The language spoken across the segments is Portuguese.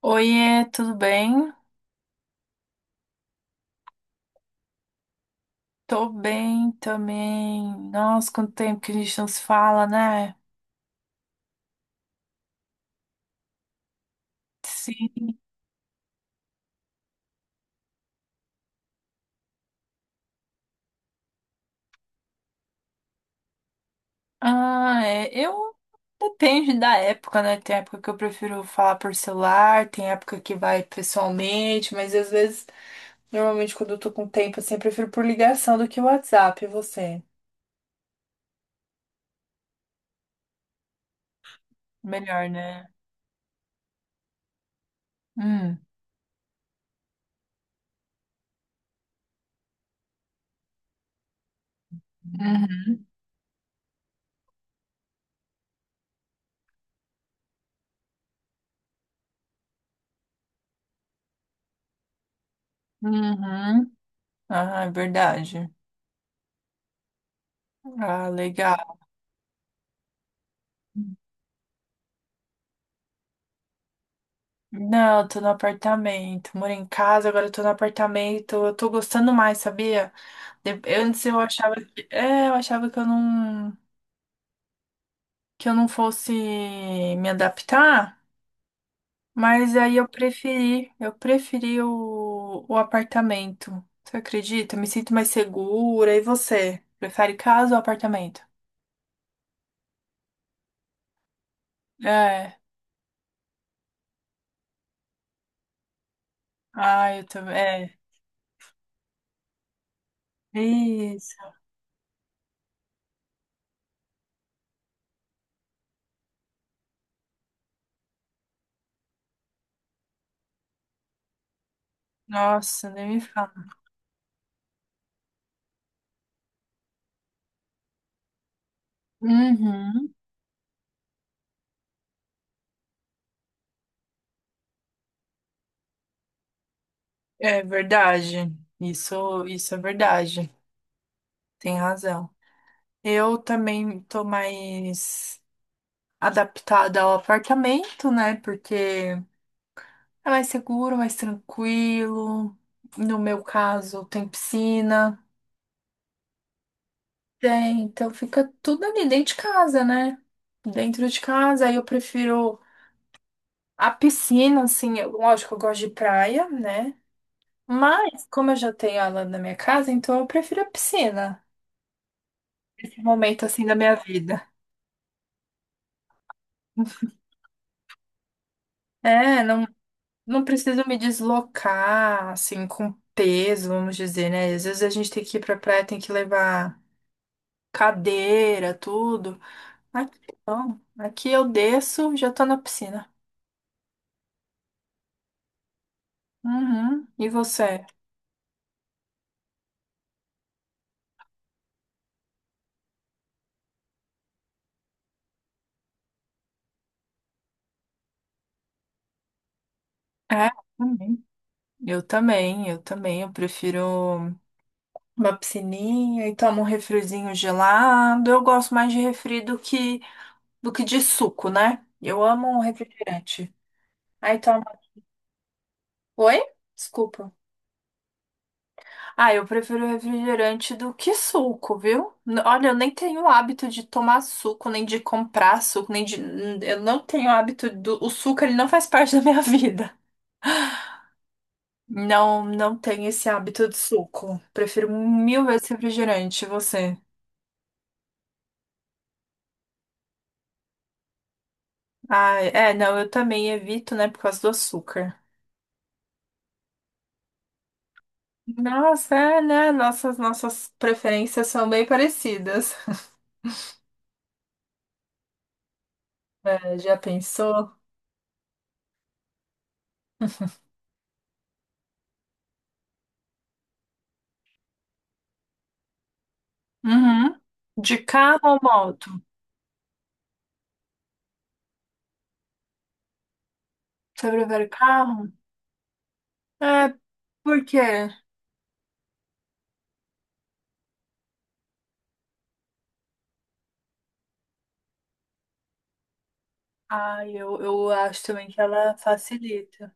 Oiê, tudo bem? Tô bem também. Nossa, quanto tempo que a gente não se fala, né? Sim. Ah, é. Eu. Depende da época, né? Tem época que eu prefiro falar por celular, tem época que vai pessoalmente, mas às vezes, normalmente quando eu tô com tempo, assim, eu prefiro por ligação do que WhatsApp. E você? Melhor, né? Hum. Uhum. Uhum. Ah, é verdade. Ah, legal. Não, eu tô no apartamento. Moro em casa, agora eu tô no apartamento. Eu tô gostando mais, sabia? Antes eu achava que eu não fosse me adaptar, mas aí eu preferi o apartamento. Você acredita? Eu me sinto mais segura. E você? Prefere casa ou apartamento? É. Ah, eu também. É. Isso. Nossa, nem me fala. Uhum. É verdade. Isso é verdade. Tem razão. Eu também tô mais adaptada ao apartamento, né? Porque é mais seguro, mais tranquilo. No meu caso, tem piscina. Tem, então fica tudo ali dentro de casa, né? Dentro de casa, aí eu prefiro a piscina, assim, lógico, eu gosto de praia, né? Mas, como eu já tenho ela na minha casa, então eu prefiro a piscina, esse momento assim da minha vida. É, não, não preciso me deslocar, assim, com peso, vamos dizer, né? Às vezes a gente tem que ir pra praia, tem que levar cadeira, tudo. Aqui não. Aqui eu desço, já tô na piscina. Uhum. E você? É, também. Eu também, eu também. Eu prefiro uma piscininha e tomo um refrizinho gelado. Eu gosto mais de refri do que de suco, né? Eu amo um refrigerante. Aí toma. Oi? Desculpa. Ah, eu prefiro refrigerante do que suco, viu? Olha, eu nem tenho o hábito de tomar suco, nem de comprar suco, nem de. Eu não tenho hábito do. O suco, ele não faz parte da minha vida. Não, não tenho esse hábito de suco. Prefiro mil vezes refrigerante, você. Ah, é, não, eu também evito, né, por causa do açúcar. Nossa, é, né? Nossas preferências são bem parecidas. É, já pensou? Uhum. De carro ou moto? Você prefere carro? É, por quê? Ah, eu acho também que ela facilita.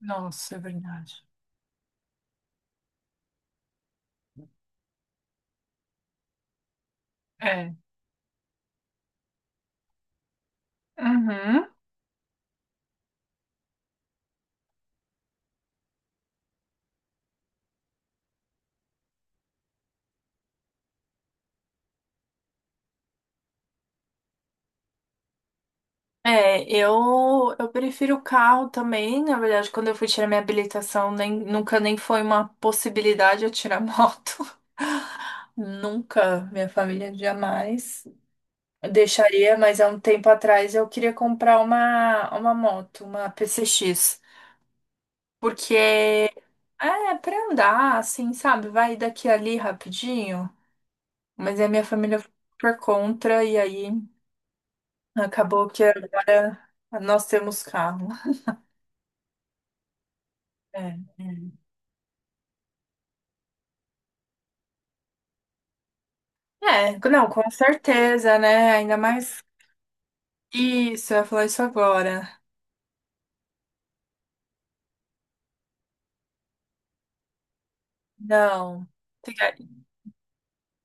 Nossa, é verdade. É. Uhum. É, eu prefiro o carro também. Na verdade, quando eu fui tirar minha habilitação, nem, nunca nem foi uma possibilidade eu tirar moto. Nunca, minha família jamais deixaria, mas há um tempo atrás eu queria comprar uma moto, uma PCX. Porque é pra andar, assim, sabe? Vai daqui a ali rapidinho. Mas é a minha família foi por contra, e aí acabou que agora nós temos carro. É, é. É, não, com certeza, né? Ainda mais isso, eu ia falar isso agora. Não. Tem que-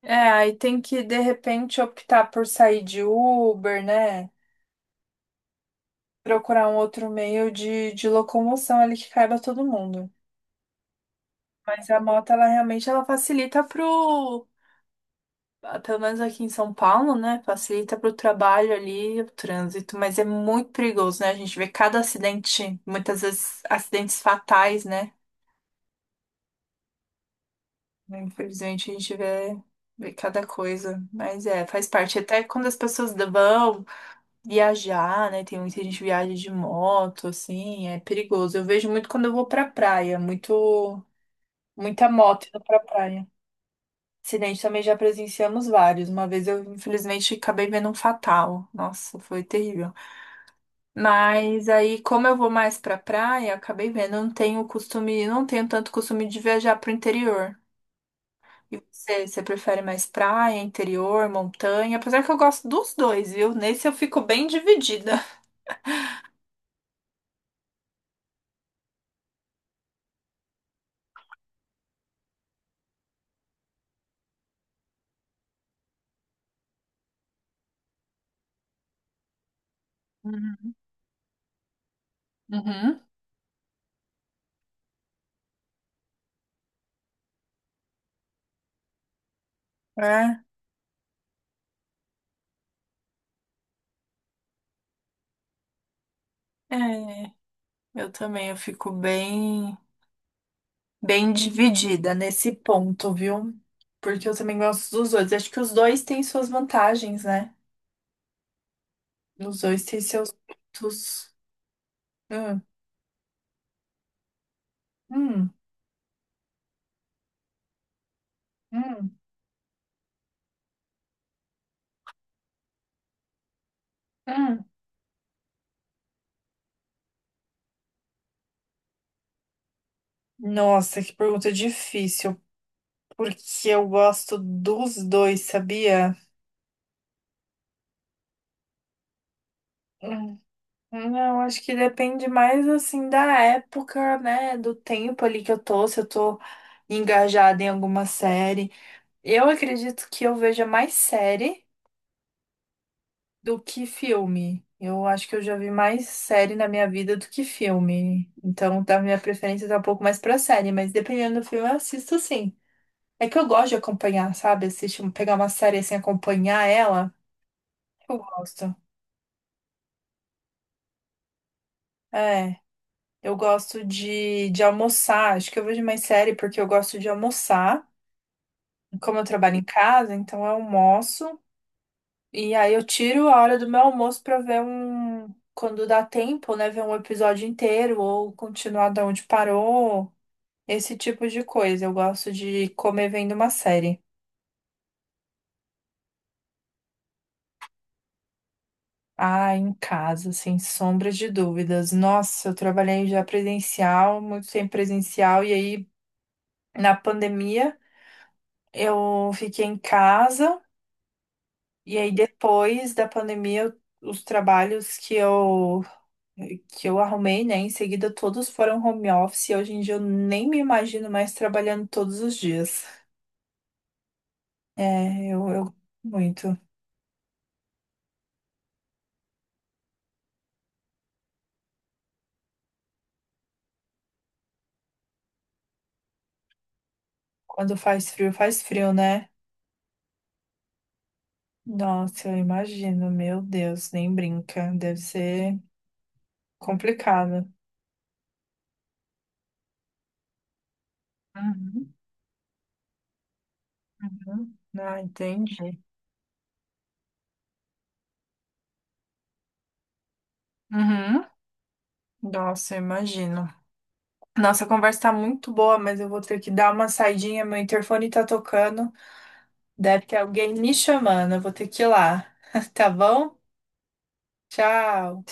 É, aí tem que, de repente, optar por sair de Uber, né? Procurar um outro meio de locomoção ali que caiba todo mundo. Mas a moto, ela realmente, ela facilita pelo menos aqui em São Paulo, né? Facilita para o trabalho ali, o trânsito, mas é muito perigoso, né? A gente vê cada acidente, muitas vezes acidentes fatais, né? Infelizmente a gente vê cada coisa, mas é, faz parte. Até quando as pessoas vão viajar, né? Tem muita gente que viaja de moto, assim, é perigoso. Eu vejo muito quando eu vou pra praia, muito, muita moto indo pra praia. Acidente também já presenciamos vários. Uma vez eu, infelizmente, acabei vendo um fatal. Nossa, foi terrível. Mas aí, como eu vou mais pra praia, acabei vendo. Eu não tenho costume, não tenho tanto costume de viajar pro interior. E você, você prefere mais praia, interior, montanha? Apesar que eu gosto dos dois, viu? Nesse eu fico bem dividida. Uhum. Uhum. É, é, eu também, eu fico bem dividida nesse ponto, viu? Porque eu também gosto dos dois. Acho que os dois têm suas vantagens, né? Os dois têm seus pontos. Hum, hum, hum, hum. Nossa, que pergunta difícil. Porque eu gosto dos dois, sabia? Hum, Não, acho que depende mais assim da época, né? Do tempo ali que eu tô, se eu tô engajada em alguma série. Eu acredito que eu veja mais série. Do que filme? Eu acho que eu já vi mais série na minha vida do que filme. Então, tá, minha preferência tá um pouco mais pra série, mas dependendo do filme, eu assisto sim. É que eu gosto de acompanhar, sabe? Assistir, um, pegar uma série assim, acompanhar ela. Eu gosto. É, eu gosto de almoçar. Acho que eu vejo mais série porque eu gosto de almoçar. Como eu trabalho em casa, então eu almoço. E aí eu tiro a hora do meu almoço pra ver um. Quando dá tempo, né? Ver um episódio inteiro ou continuar da onde parou. Esse tipo de coisa. Eu gosto de comer vendo uma série. Ah, em casa, sem sombra de dúvidas. Nossa, eu trabalhei já presencial, muito tempo presencial. E aí, na pandemia, eu fiquei em casa. E aí, depois da pandemia, os trabalhos que eu arrumei, né? Em seguida, todos foram home office e hoje em dia eu nem me imagino mais trabalhando todos os dias. É, eu muito. Quando faz frio, né? Nossa, eu imagino, meu Deus, nem brinca. Deve ser complicado. Uhum, uhum. Ah, entendi. Uhum. Nossa, eu imagino. Nossa, a conversa tá muito boa, mas eu vou ter que dar uma saidinha. Meu interfone tá tocando. Deve ter alguém me chamando. Eu vou ter que ir lá. Tá bom? Tchau.